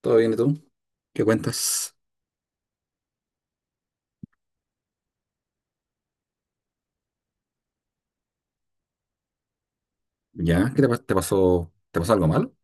¿Todo bien y tú? ¿Qué cuentas? ¿Ya? ¿Qué te pasó? ¿Te pasó algo malo?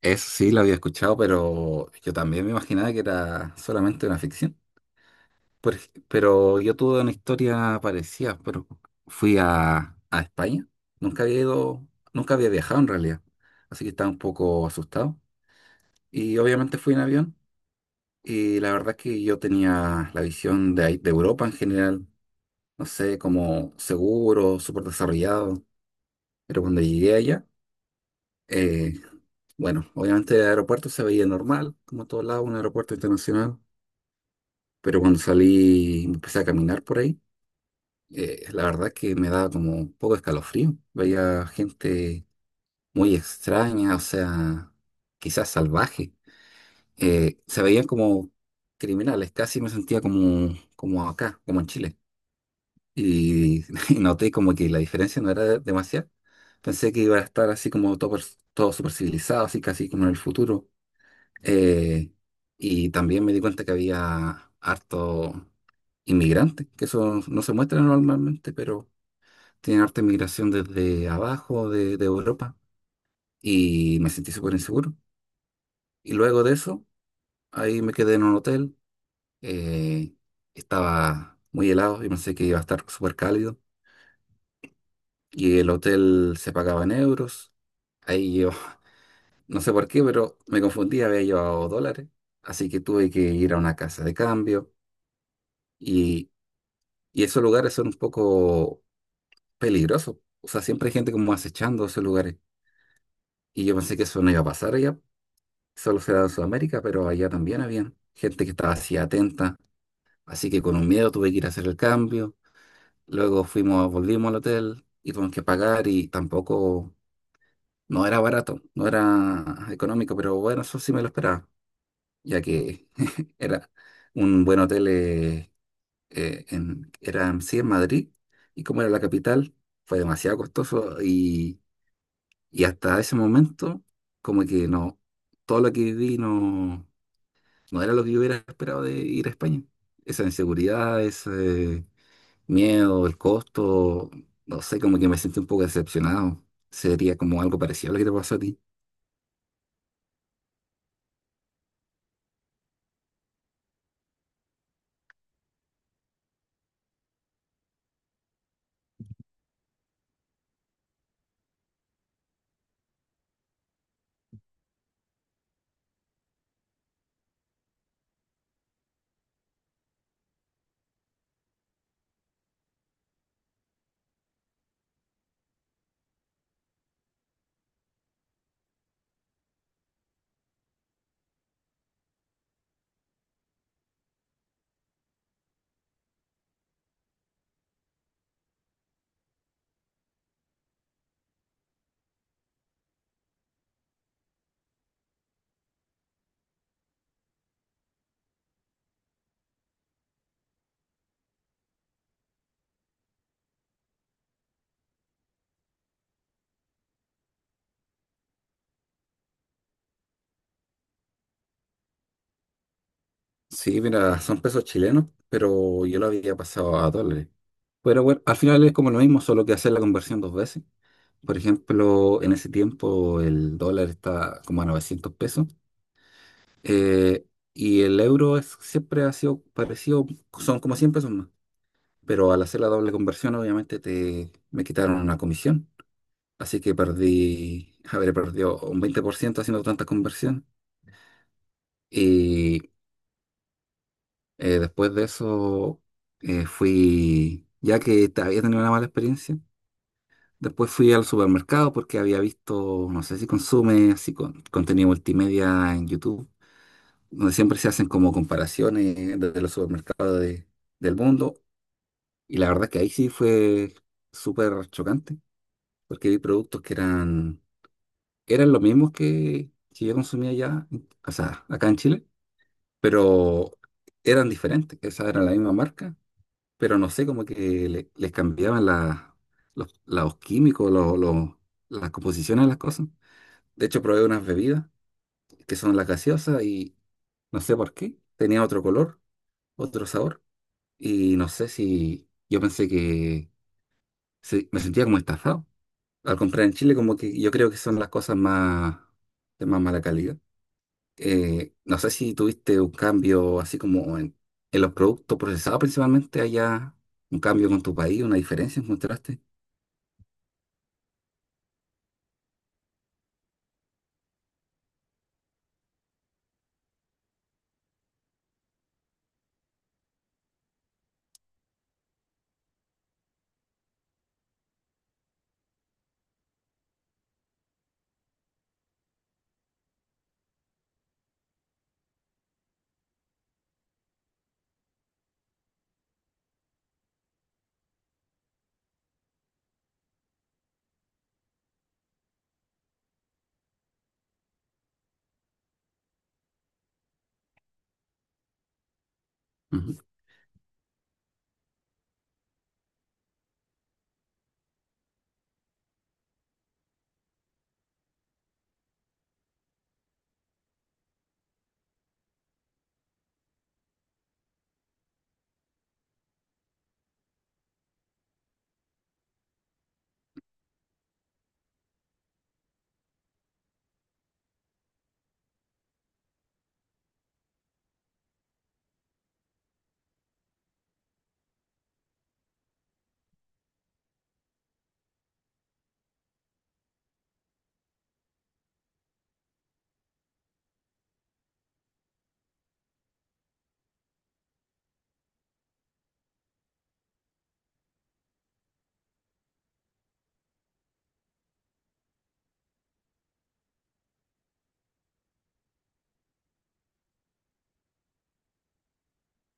Eso sí, lo había escuchado, pero yo también me imaginaba que era solamente una ficción. Pero yo tuve una historia parecida, pero fui a España. Nunca había ido, nunca había viajado en realidad, así que estaba un poco asustado. Y obviamente fui en avión, y la verdad es que yo tenía la visión de, de Europa en general, no sé, como seguro, súper desarrollado, pero cuando llegué allá. eh, Bueno, obviamente el aeropuerto se veía normal, como todo lado, un aeropuerto internacional, pero cuando salí y empecé a caminar por ahí, la verdad que me daba como un poco de escalofrío. Veía gente muy extraña, o sea, quizás salvaje. Se veían como criminales, casi me sentía como acá, como en Chile. Y, y noté como que la diferencia no era demasiada. Pensé que iba a estar así como todo, todo super civilizado, así casi como en el futuro. Eh, y también me di cuenta que había harto inmigrantes, que eso no se muestra normalmente, pero tienen harta inmigración desde abajo de Europa, y me sentí súper inseguro. Y luego de eso, ahí me quedé en un hotel. eh, Estaba muy helado y pensé que iba a estar súper cálido, y el hotel se pagaba en euros. Ahí yo, no sé por qué, pero me confundí, había llevado dólares, así que tuve que ir a una casa de cambio. Y Y esos lugares son un poco peligrosos. O sea, siempre hay gente como acechando esos lugares. Y yo pensé que eso no iba a pasar allá. Solo se da en Sudamérica, pero allá también había gente que estaba así atenta. Así que con un miedo tuve que ir a hacer el cambio. Luego fuimos, volvimos al hotel y tuvimos que pagar, y tampoco, no era barato, no era económico, pero bueno, eso sí me lo esperaba, ya que era un buen hotel. Era sí en Madrid, y como era la capital, fue demasiado costoso, y hasta ese momento, como que no, todo lo que viví no, no era lo que yo hubiera esperado de ir a España. Esa inseguridad, ese miedo, el costo, no sé, como que me sentí un poco decepcionado. Sería como algo parecido a lo que te pasó a ti. Sí, mira, son pesos chilenos, pero yo lo había pasado a dólares. Pero bueno, al final es como lo mismo, solo que hacer la conversión dos veces. Por ejemplo, en ese tiempo el dólar está como a 900 pesos. eh, y el euro es- siempre ha sido parecido, son como 100 pesos más. Pero al hacer la doble conversión, obviamente me quitaron una comisión. Así que perdí, habré perdido un 20% haciendo tanta conversión. Y después de eso, fui, ya que había tenido una mala experiencia. Después fui al supermercado porque había visto, no sé si consume, así con contenido multimedia en YouTube, donde siempre se hacen como comparaciones de los supermercados del mundo. Y la verdad que ahí sí fue súper chocante, porque vi productos que eran, eran los mismos que yo consumía allá, o sea, acá en Chile, pero eran diferentes. Esa era la misma marca, pero no sé, como que les cambiaban los químicos, las composiciones de las cosas. De hecho, probé unas bebidas que son las gaseosas y no sé por qué. Tenía otro color, otro sabor. Y no sé si yo pensé que sí, me sentía como estafado. Al comprar en Chile, como que yo creo que son las cosas más de más mala calidad. No sé si tuviste un cambio así como en los productos procesados principalmente allá, un cambio con tu país, una diferencia encontraste. Ujú.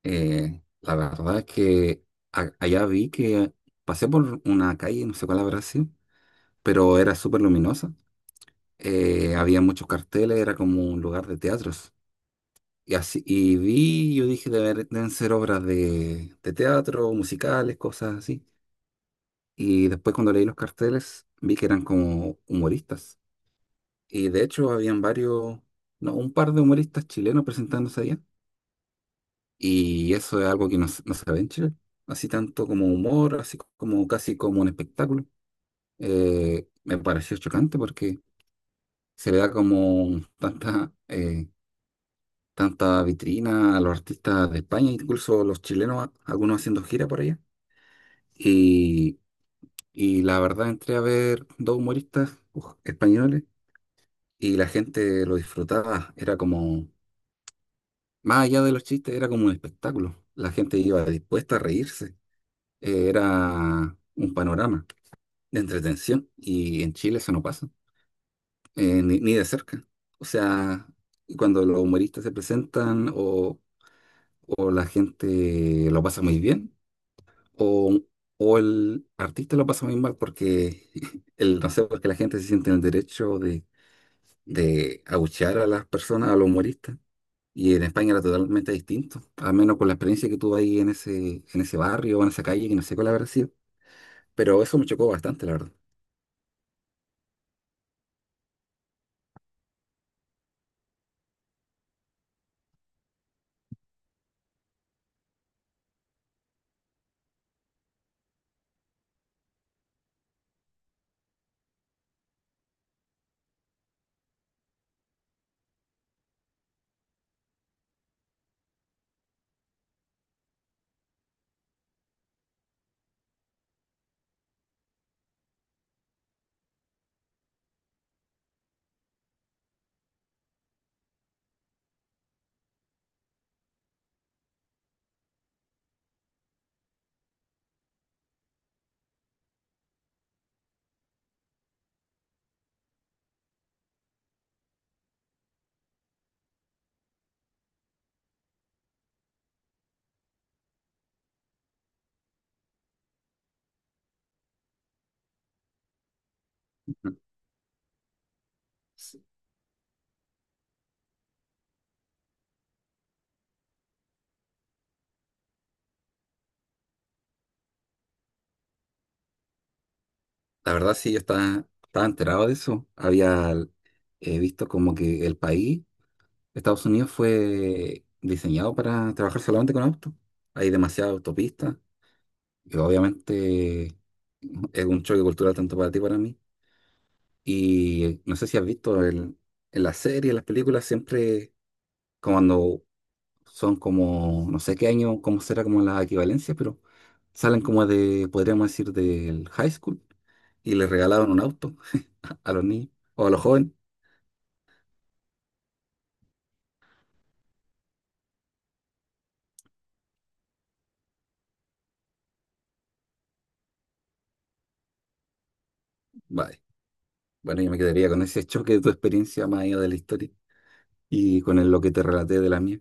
La verdad es que allá vi que pasé por una calle, no sé cuál habrá sido, pero era súper luminosa. Había muchos carteles, era como un lugar de teatros. Y así, y vi, yo dije, Deben ser obras de teatro, musicales, cosas así". Y después, cuando leí los carteles, vi que eran como humoristas. Y de hecho habían varios, no, un par de humoristas chilenos presentándose allá. Y eso es algo que no, no se ve en Chile. Así tanto como humor, así como casi como un espectáculo. Me pareció chocante porque se le da como tanta, tanta vitrina a los artistas de España, incluso los chilenos, algunos haciendo gira por allá. Y, y la verdad entré a ver dos humoristas españoles, y la gente lo disfrutaba. Era como, más allá de los chistes, era como un espectáculo. La gente iba dispuesta a reírse. Era un panorama de entretención, y en Chile eso no pasa, ni de cerca. O sea, cuando los humoristas se presentan o la gente lo pasa muy bien. O, o el artista lo pasa muy mal porque, el, no sé, porque la gente se siente en el derecho de abuchear a las personas, a los humoristas. Y en España era totalmente distinto, al menos con la experiencia que tuve ahí en ese barrio, en esa calle, que no sé cuál habrá sido. Pero eso me chocó bastante, la verdad. Sí. La verdad, sí, yo estaba enterado de eso. Había visto como que el país, Estados Unidos, fue diseñado para trabajar solamente con autos. Hay demasiadas autopistas que obviamente es un choque cultural tanto para ti como para mí. Y no sé si has visto en las series, en las películas, siempre cuando son como, no sé qué año, cómo será como la equivalencia, pero salen como de, podríamos decir, del high school, y les regalaron un auto a los niños o a los jóvenes. Vale. Bueno, yo me quedaría con ese choque de tu experiencia más allá de la historia, y con lo que te relaté de la mía.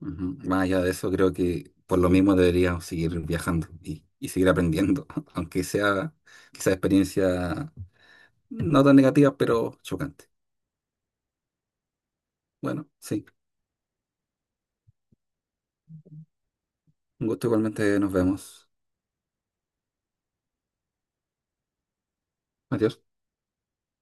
Ujú. Más allá de eso, creo que por lo mismo deberíamos seguir viajando y seguir aprendiendo, aunque sea quizá experiencia no tan negativa, pero chocante. Bueno, sí, un gusto igualmente, nos vemos. Adiós.